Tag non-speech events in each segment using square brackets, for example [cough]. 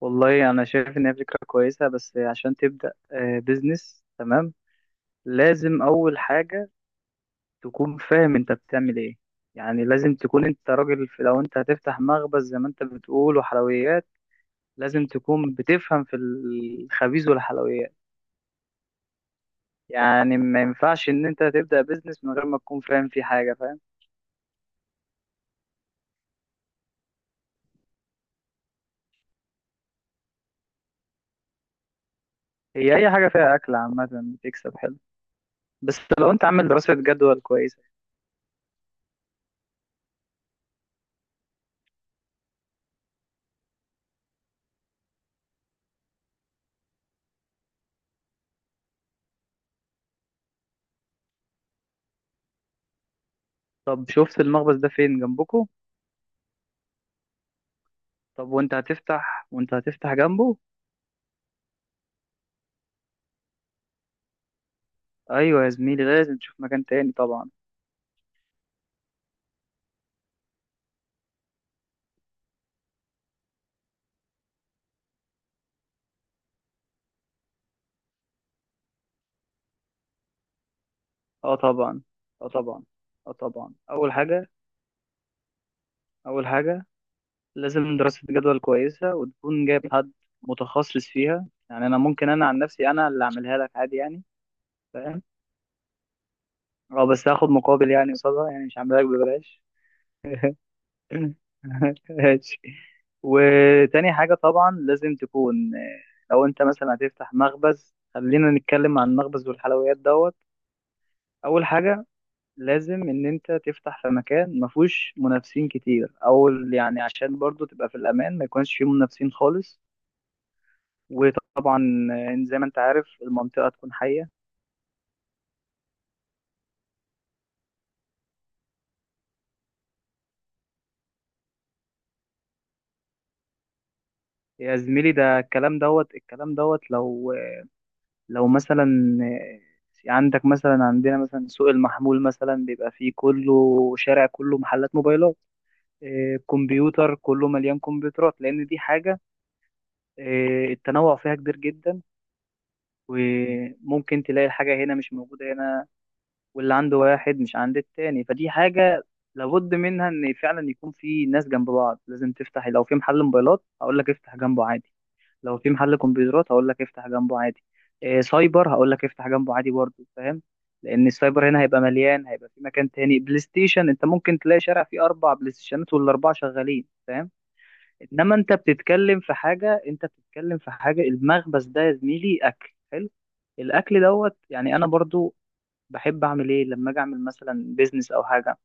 والله انا شايف ان هي فكره كويسه، بس عشان تبدا بزنس تمام لازم اول حاجه تكون فاهم انت بتعمل ايه. يعني لازم تكون انت راجل في، لو انت هتفتح مخبز زي ما انت بتقول وحلويات. لازم تكون بتفهم في الخبيز والحلويات. يعني ما ينفعش ان انت تبدا بزنس من غير ما تكون فاهم فيه حاجه، فاهم؟ هي اي حاجه فيها اكل عامه تكسب حلو، بس لو انت عامل دراسه جدوى كويسه. طب شفت المخبز ده فين؟ جنبكم؟ طب، وانت هتفتح جنبه؟ ايوه يا زميلي، لازم تشوف مكان تاني طبعا. اه طبعا، اه طبعا، اه طبعا. اول حاجه لازم دراسه جدول كويسه وتكون جايب حد متخصص فيها. يعني انا ممكن، انا عن نفسي انا اللي اعملها لك عادي يعني، فاهم؟ اه، بس هاخد مقابل يعني قصادها، يعني مش هعملها لك ببلاش. [laughs] ماشي. وتاني حاجه طبعا لازم تكون لو انت مثلا هتفتح مخبز، خلينا نتكلم عن المخبز والحلويات دوت. اول حاجه لازم ان انت تفتح في مكان ما فيهوش منافسين كتير، او يعني عشان برضو تبقى في الامان ما يكونش فيه منافسين خالص. وطبعا زي ما انت عارف المنطقة تكون حية. يا زميلي، ده الكلام دوت لو مثلا عندك مثلا، عندنا مثلا سوق المحمول مثلا بيبقى فيه كله، شارع كله محلات موبايلات، كمبيوتر، كله مليان كمبيوترات، لان دي حاجة التنوع فيها كبير جدا. وممكن تلاقي الحاجة هنا مش موجودة هنا، واللي عنده واحد مش عند التاني، فدي حاجة لابد منها، ان فعلا يكون في ناس جنب بعض لازم تفتح. لو في محل موبايلات هقول لك افتح جنبه عادي، لو في محل كمبيوترات هقول لك افتح جنبه عادي، إيه سايبر هقول لك افتح جنبه عادي برضه، فاهم؟ لان السايبر هنا هيبقى مليان، هيبقى في مكان تاني بلاي ستيشن انت ممكن تلاقي شارع فيه 4 بلاي ستيشنات والاربعه شغالين، فاهم؟ انما انت بتتكلم في حاجه، المخبز ده يا زميلي اكل حلو. الاكل دوت يعني، انا برضو بحب اعمل ايه؟ لما اجي اعمل مثلا بيزنس او حاجه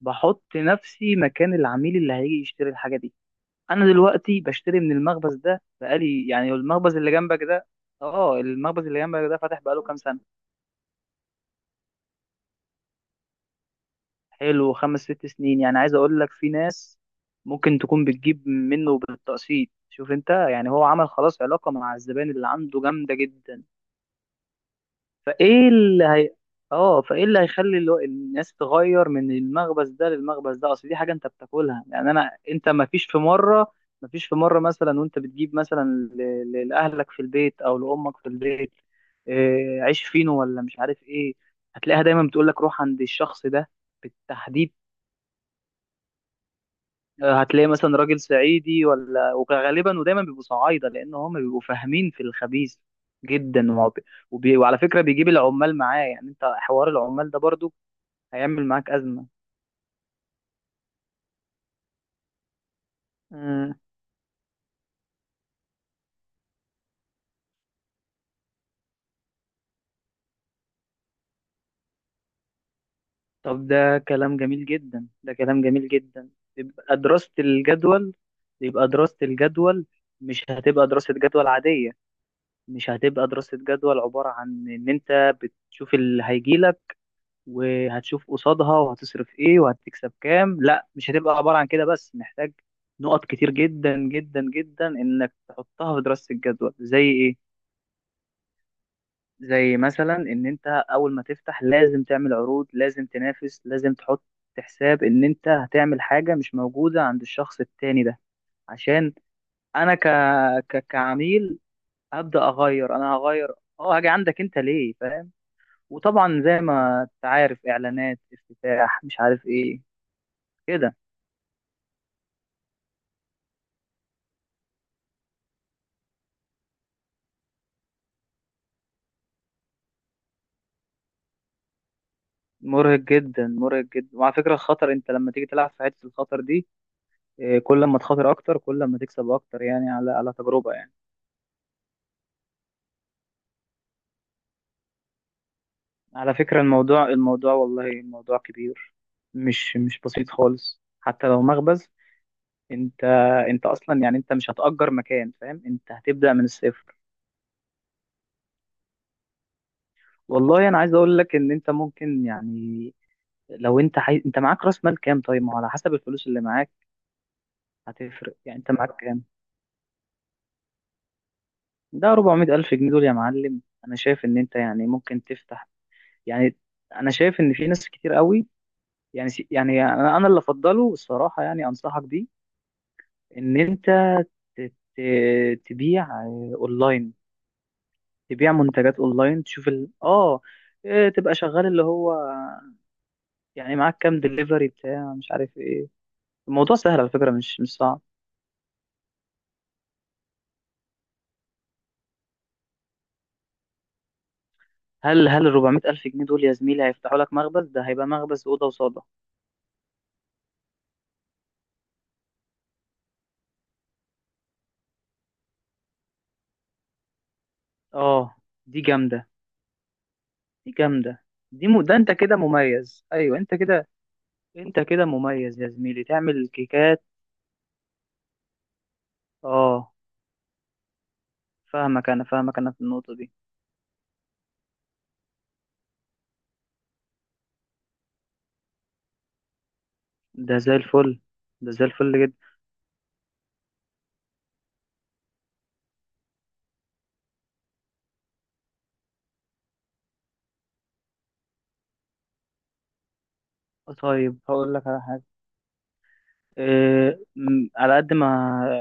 بحط نفسي مكان العميل اللي هيجي يشتري الحاجه دي. انا دلوقتي بشتري من المخبز ده بقالي يعني، المخبز اللي جنبك ده. اه، المخبز اللي جنبك ده فاتح بقاله كام سنه؟ حلو، 5-6 سنين يعني. عايز اقول لك في ناس ممكن تكون بتجيب منه بالتقسيط. شوف انت يعني، هو عمل خلاص علاقه مع الزبائن اللي عنده جامده جدا. فايه اللي هي اه فايه اللي هيخلي الناس تغير من المخبز ده للمخبز ده، اصل دي حاجه انت بتاكلها يعني. انت ما فيش في مره مثلا وانت بتجيب مثلا لاهلك في البيت او لامك في البيت، إيه عيش فينو ولا مش عارف ايه، هتلاقيها دايما بتقول لك روح عند الشخص ده بالتحديد. هتلاقي مثلا راجل صعيدي، ولا وغالبا ودايما بيبقوا صعايده، لان هم بيبقوا فاهمين في الخبيث جدا، وعلى فكره بيجيب العمال معاه، يعني انت حوار العمال ده برضو هيعمل معاك ازمه. مم. طب ده كلام جميل جدا، ده كلام جميل جدا. يبقى دراسه الجدول يبقى دراسه الجدول مش هتبقى دراسه جدول عاديه، مش هتبقى دراسه جدول عباره عن ان انت بتشوف اللي هيجيلك وهتشوف قصادها، وهتصرف ايه وهتكسب كام، لا، مش هتبقى عبارة عن كده بس. محتاج نقط كتير جدا جدا جدا انك تحطها في دراسة الجدوى، زي ايه؟ زي مثلا ان انت اول ما تفتح لازم تعمل عروض، لازم تنافس، لازم تحط حساب ان انت هتعمل حاجة مش موجودة عند الشخص التاني ده، عشان انا كعميل هبدأ اغير، انا هغير. اه هاجي عندك انت ليه، فاهم؟ وطبعا زي ما انت عارف، اعلانات افتتاح مش عارف ايه، كده. مرهق جدا، مرهق جدا. وعلى فكرة الخطر، انت لما تيجي تلعب في حتة الخطر دي كل ما تخاطر اكتر كل ما تكسب اكتر، يعني على تجربة يعني. على فكرة، الموضوع والله الموضوع كبير، مش بسيط خالص، حتى لو مخبز. انت انت اصلا يعني انت مش هتأجر مكان، فاهم؟ انت هتبدأ من الصفر. والله انا عايز اقول لك ان انت ممكن يعني، لو انت انت معاك راس مال كام؟ طيب، ما هو على حسب الفلوس اللي معاك هتفرق، يعني انت معاك كام؟ ده 400 ألف جنيه دول يا معلم. أنا شايف إن أنت يعني ممكن تفتح يعني، أنا شايف إن في ناس كتير قوي يعني يعني أنا اللي أفضله الصراحة، يعني أنصحك بيه إن أنت تبيع أونلاين. تبيع منتجات أونلاين، تشوف ال... آه آه، تبقى شغال اللي هو، يعني معاك كام دليفري بتاع مش عارف إيه. الموضوع سهل على فكرة، مش صعب. هل ال 400 ألف جنيه دول يا زميلي هيفتحوا لك مخبز؟ ده هيبقى مخبز أوضة وصالة. آه، دي جامدة، دي جامدة، ده انت كده مميز، ايوه انت كده. انت كده مميز يا زميلي، تعمل كيكات. اه، فاهمك انا، فاهمك انا في النقطة دي. ده زي الفل، ده زي الفل جدا. طيب هقول لك على حاجة. على قد ما،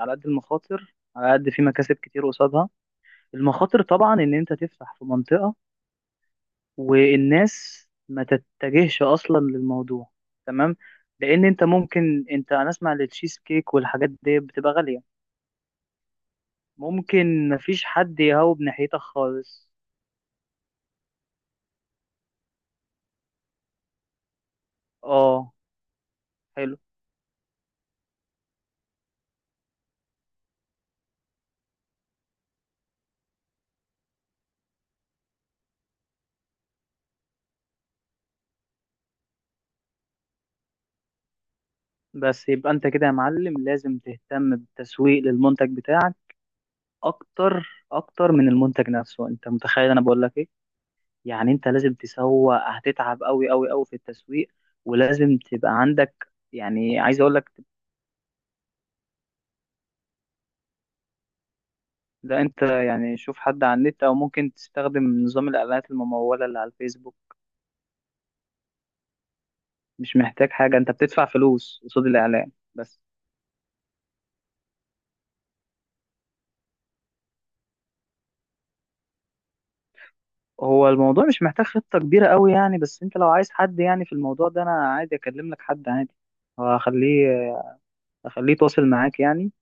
على قد المخاطر على قد في مكاسب كتير قصادها. المخاطر طبعا ان انت تفتح في منطقة والناس ما تتجهش اصلا للموضوع، تمام. لان انت ممكن، انت انا اسمع التشيز كيك والحاجات دي بتبقى غالية، ممكن مفيش حد يهوب ناحيتك خالص. اه حلو. بس يبقى انت كده يا معلم، لازم تهتم بالتسويق للمنتج بتاعك اكتر، اكتر من المنتج نفسه. انت متخيل انا بقول لك ايه؟ يعني انت لازم تسوق، هتتعب قوي قوي قوي في التسويق. ولازم تبقى عندك يعني، عايز اقول لك، ده انت يعني شوف حد على النت او ممكن تستخدم نظام الاعلانات الممولة اللي على الفيسبوك. مش محتاج حاجة، انت بتدفع فلوس قصاد الاعلان بس. هو الموضوع مش محتاج خطة كبيرة قوي يعني، بس انت لو عايز حد يعني في الموضوع ده انا عادي اكلم لك حد عادي. هخليه هخليه يتواصل معاك يعني.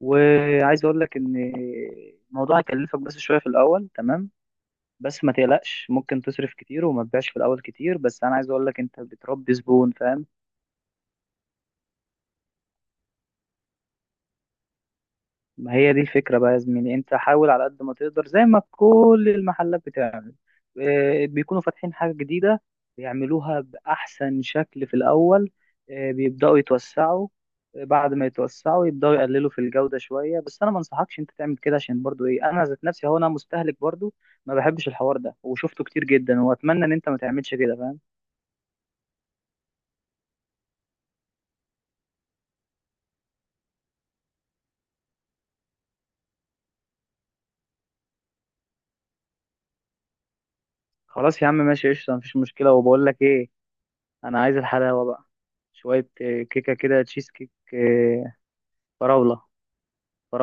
وعايز اقول لك ان الموضوع هيكلفك بس شوية في الاول، تمام. بس ما تقلقش، ممكن تصرف كتير وما تبيعش في الاول كتير، بس انا عايز اقول لك انت بتربي زبون، فاهم؟ ما هي دي الفكرة بقى يا زميلي. انت حاول على قد ما تقدر، زي ما كل المحلات بتعمل. بيكونوا فاتحين حاجة جديدة بيعملوها بأحسن شكل في الأول، بيبدأوا يتوسعوا، بعد ما يتوسعوا يبدأوا يقللوا في الجودة شوية. بس أنا ما انصحكش انت تعمل كده، عشان برضو ايه، أنا ذات نفسي هو أنا مستهلك برضو. ما بحبش الحوار ده وشفته كتير جدا، وأتمنى إن انت ما تعملش كده، فاهم؟ خلاص يا عم ماشي، قشطة، مفيش مشكلة. وبقول لك ايه، أنا عايز الحلاوة بقى. شوية كيكة كده، تشيز كيك فراولة.